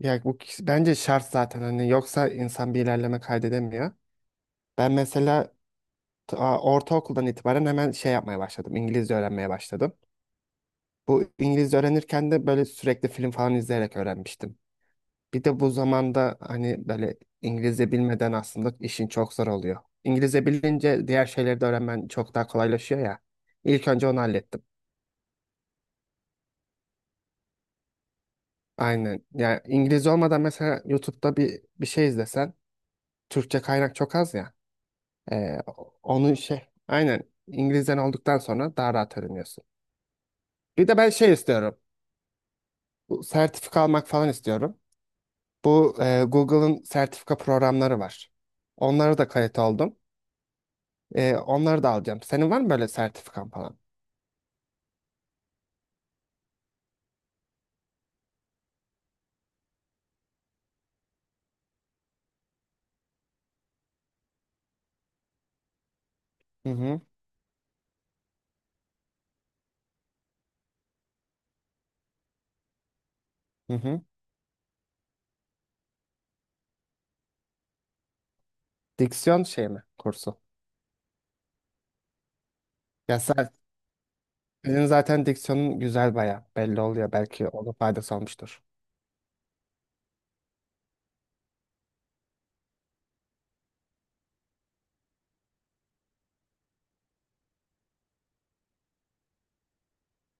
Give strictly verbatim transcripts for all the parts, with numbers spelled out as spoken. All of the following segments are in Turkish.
Ya bu kişi- bence şart zaten hani yoksa insan bir ilerleme kaydedemiyor. Ben mesela ta- ortaokuldan itibaren hemen şey yapmaya başladım. İngilizce öğrenmeye başladım. Bu İngilizce öğrenirken de böyle sürekli film falan izleyerek öğrenmiştim. Bir de bu zamanda hani böyle İngilizce bilmeden aslında işin çok zor oluyor. İngilizce bilince diğer şeyleri de öğrenmen çok daha kolaylaşıyor ya. İlk önce onu hallettim. Aynen. Ya İngilizce olmadan mesela YouTube'da bir bir şey izlesen Türkçe kaynak çok az ya. Ee, Onu şey aynen İngilizden olduktan sonra daha rahat öğreniyorsun. Bir de ben şey istiyorum. Bu sertifika almak falan istiyorum. Bu e, Google'ın sertifika programları var. Onlara da kayıt oldum. E, onları da alacağım. Senin var mı böyle sertifikan falan? Hı hı. Hı hı. Diksiyon şey mi kursu? Ya sen, Senin zaten diksiyonun güzel, baya belli oluyor. Belki ona faydası olmuştur.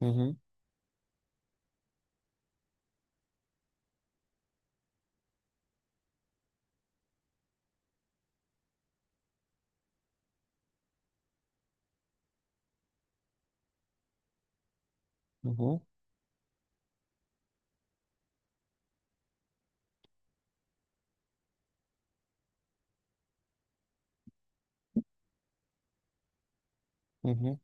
Hı hı, hı hı, hı hı.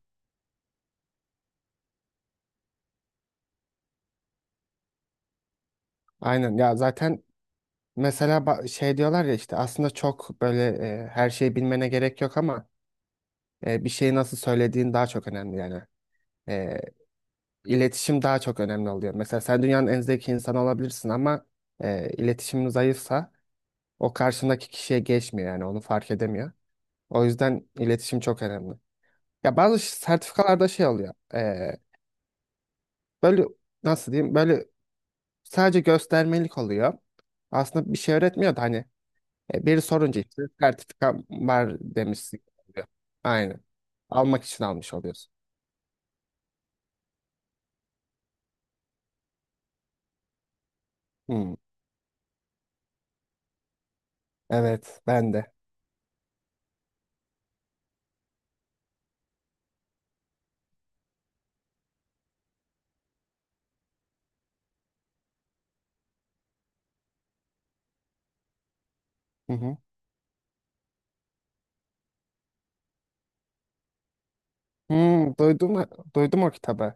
Aynen ya, zaten mesela ba- şey diyorlar ya, işte aslında çok böyle e, her şeyi bilmene gerek yok ama e, bir şeyi nasıl söylediğin daha çok önemli yani. E, iletişim daha çok önemli oluyor. Mesela sen dünyanın en zeki insanı olabilirsin ama e, iletişimin zayıfsa o karşındaki kişiye geçmiyor, yani onu fark edemiyor. O yüzden iletişim çok önemli. Ya bazı ş- sertifikalarda şey oluyor. Eee, böyle, nasıl diyeyim? Böyle sadece göstermelik oluyor. Aslında bir şey öğretmiyor da hani e, biri sorunca işte sertifika var demişsin oluyor. Aynen. Almak için almış oluyorsun. Hmm, evet, ben de. Hı hı. Hmm, duydum duydum o kitabı.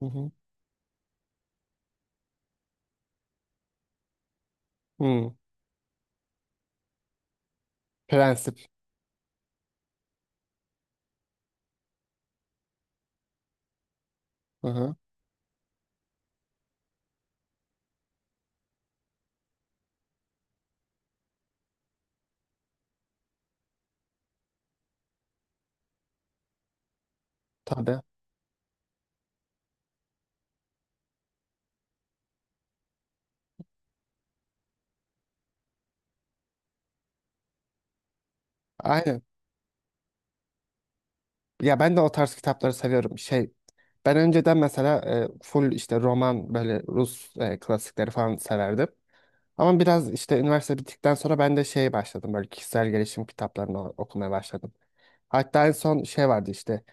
Hı hı. Hmm, Prensip. Hı hı. Tabii. Aynen. Ya ben de o tarz kitapları seviyorum. Şey, ben önceden mesela e, full işte roman, böyle Rus e, klasikleri falan severdim. Ama biraz işte üniversite bittikten sonra ben de şeye başladım. Böyle kişisel gelişim kitaplarını o- okumaya başladım. Hatta en son şey vardı işte,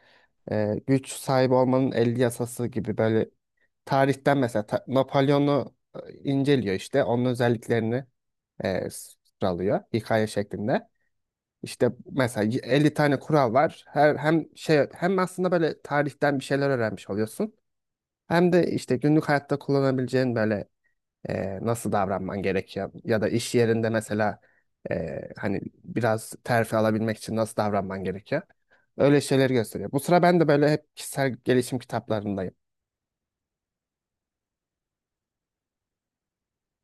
e, güç sahibi olmanın elli yasası gibi, böyle tarihten mesela Ta- Napolyon'u e, inceliyor işte. Onun özelliklerini e, sıralıyor hikaye şeklinde. İşte mesela y- elli tane kural var. Her hem şey, hem aslında böyle tarihten bir şeyler öğrenmiş oluyorsun. Hem de işte günlük hayatta kullanabileceğin böyle e, nasıl davranman gerekiyor, ya da iş yerinde mesela e, hani biraz terfi alabilmek için nasıl davranman gerekiyor. Öyle şeyleri gösteriyor. Bu sıra ben de böyle hep kişisel gelişim kitaplarındayım.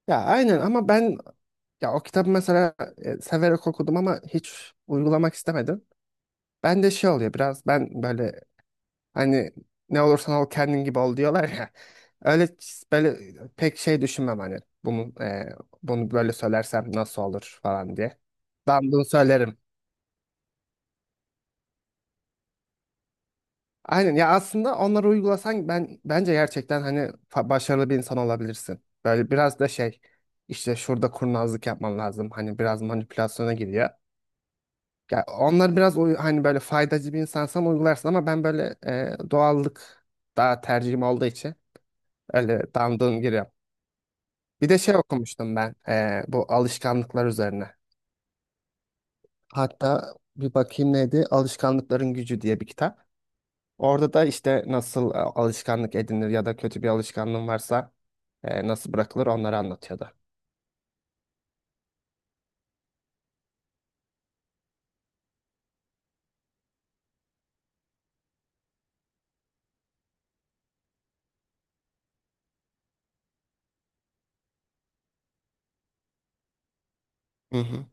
Ya aynen, ama ben, ya o kitabı mesela e, severek okudum ama hiç uygulamak istemedim. Ben de şey oluyor, biraz ben böyle, hani ne olursan ol kendin gibi ol diyorlar ya. Öyle ç- böyle pek şey düşünmem hani bunu e, bunu böyle söylersem nasıl olur falan diye. Dandun söylerim. Aynen ya, aslında onları uygulasan ben bence gerçekten hani fa- başarılı bir insan olabilirsin. Böyle biraz da şey, işte şurada kurnazlık yapman lazım. Hani biraz manipülasyona giriyor. Ya onlar biraz uy- hani böyle faydacı bir insansan uygularsın ama ben böyle e, doğallık daha tercihim olduğu için öyle damdığım giriyorum. Bir de şey okumuştum ben, e, bu alışkanlıklar üzerine. Hatta bir bakayım, neydi? Alışkanlıkların Gücü diye bir kitap. Orada da işte nasıl e, alışkanlık edinir ya da kötü bir alışkanlığın varsa e, nasıl bırakılır, onları anlatıyordu. Hı hı.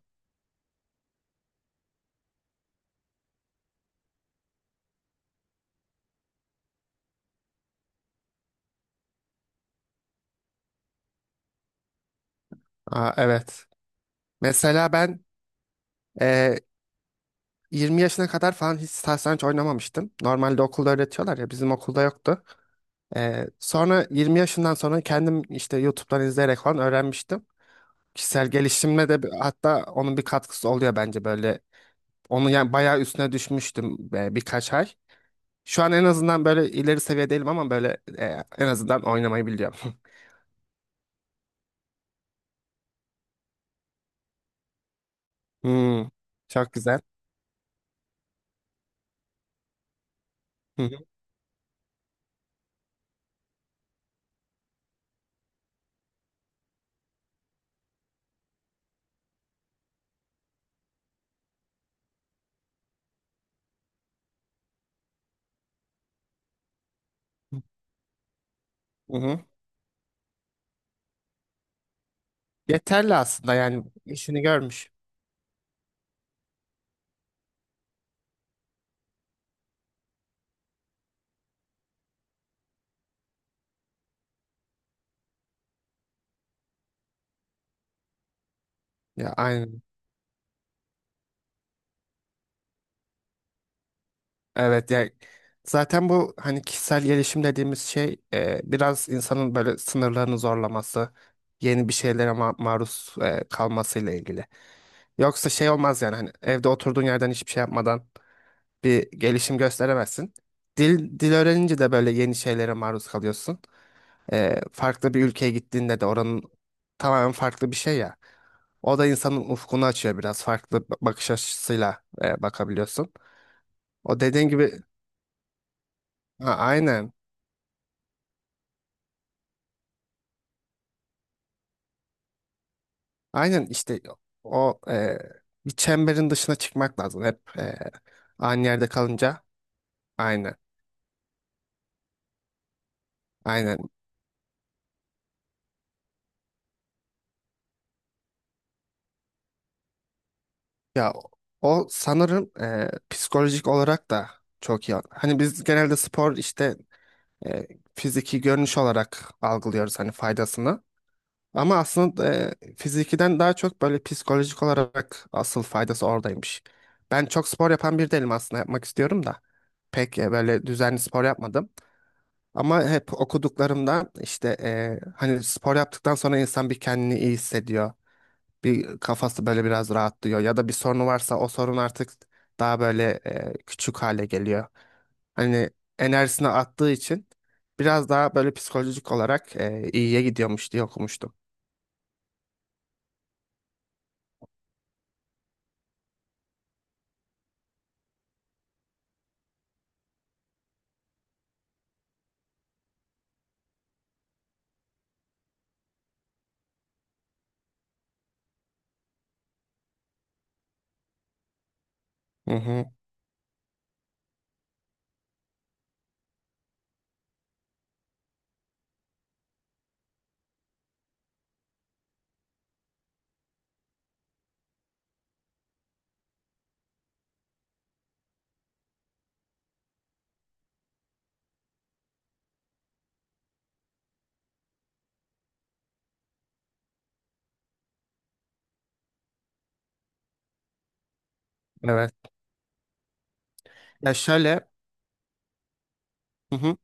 Aa, evet. Mesela ben e, yirmi yaşına kadar falan hiç satranç oynamamıştım. Normalde okulda öğretiyorlar ya, bizim okulda yoktu. Ee, sonra yirmi yaşından sonra kendim işte YouTube'dan izleyerek falan öğrenmiştim. Kişisel gelişimle de bir- hatta onun bir katkısı oluyor bence böyle. Onu yani bayağı üstüne düşmüştüm, e, birkaç ay. Şu an en azından böyle ileri seviye değilim ama böyle e, en azından oynamayı biliyorum. Hmm, çok güzel. Hı hı. Hı hı. Yeterli aslında, yani işini görmüş. Ya aynen. Evet, yani zaten bu hani kişisel gelişim dediğimiz şey e, biraz insanın böyle sınırlarını zorlaması, yeni bir şeylere ma- maruz e, kalmasıyla ilgili. Yoksa şey olmaz yani, hani evde oturduğun yerden hiçbir şey yapmadan bir gelişim gösteremezsin. Dil dil öğrenince de böyle yeni şeylere maruz kalıyorsun. E, farklı bir ülkeye gittiğinde de oranın tamamen farklı bir şey ya. O da insanın ufkunu açıyor, biraz farklı bakış açısıyla e, bakabiliyorsun. O dediğin gibi, ha, aynen. Aynen işte, o e, bir çemberin dışına çıkmak lazım hep, e, aynı yerde kalınca. Aynen, aynen. Ya o o sanırım e, psikolojik olarak da çok iyi. Hani biz genelde spor işte e, fiziki görünüş olarak algılıyoruz hani faydasını. Ama aslında e, fizikiden daha çok böyle psikolojik olarak asıl faydası oradaymış. Ben çok spor yapan bir değilim aslında, yapmak istiyorum da. Pek e, böyle düzenli spor yapmadım. Ama hep okuduklarımda işte eee, hani spor yaptıktan sonra insan bir kendini iyi hissediyor. Bir kafası böyle biraz rahatlıyor. Ya da bir sorunu varsa o sorun artık daha böyle eee, küçük hale geliyor. Hani enerjisini attığı için biraz daha böyle psikolojik olarak eee, iyiye gidiyormuş diye okumuştum. Hı hı, evet. Ya şöyle. Hı hı.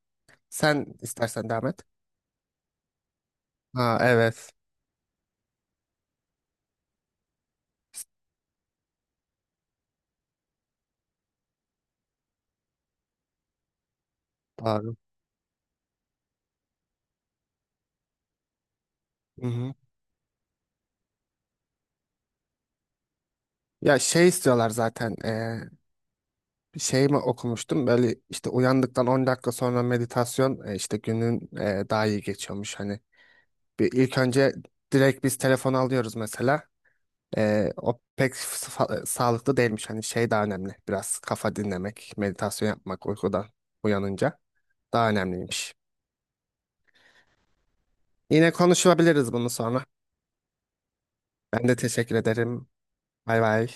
Sen istersen devam et. Ha, evet. Doğru. Hı hı. Ya şey istiyorlar zaten. Eee, bir şey mi okumuştum? Böyle işte uyandıktan on dakika sonra meditasyon e, işte günün e, daha iyi geçiyormuş. Hani bir ilk önce direkt biz telefonu alıyoruz mesela. Eee, o pek fa- sağlıklı değilmiş. Hani şey daha önemli. Biraz kafa dinlemek, meditasyon yapmak uykudan uyanınca daha önemliymiş. Yine konuşabiliriz bunu sonra. Ben de teşekkür ederim. Bay bay.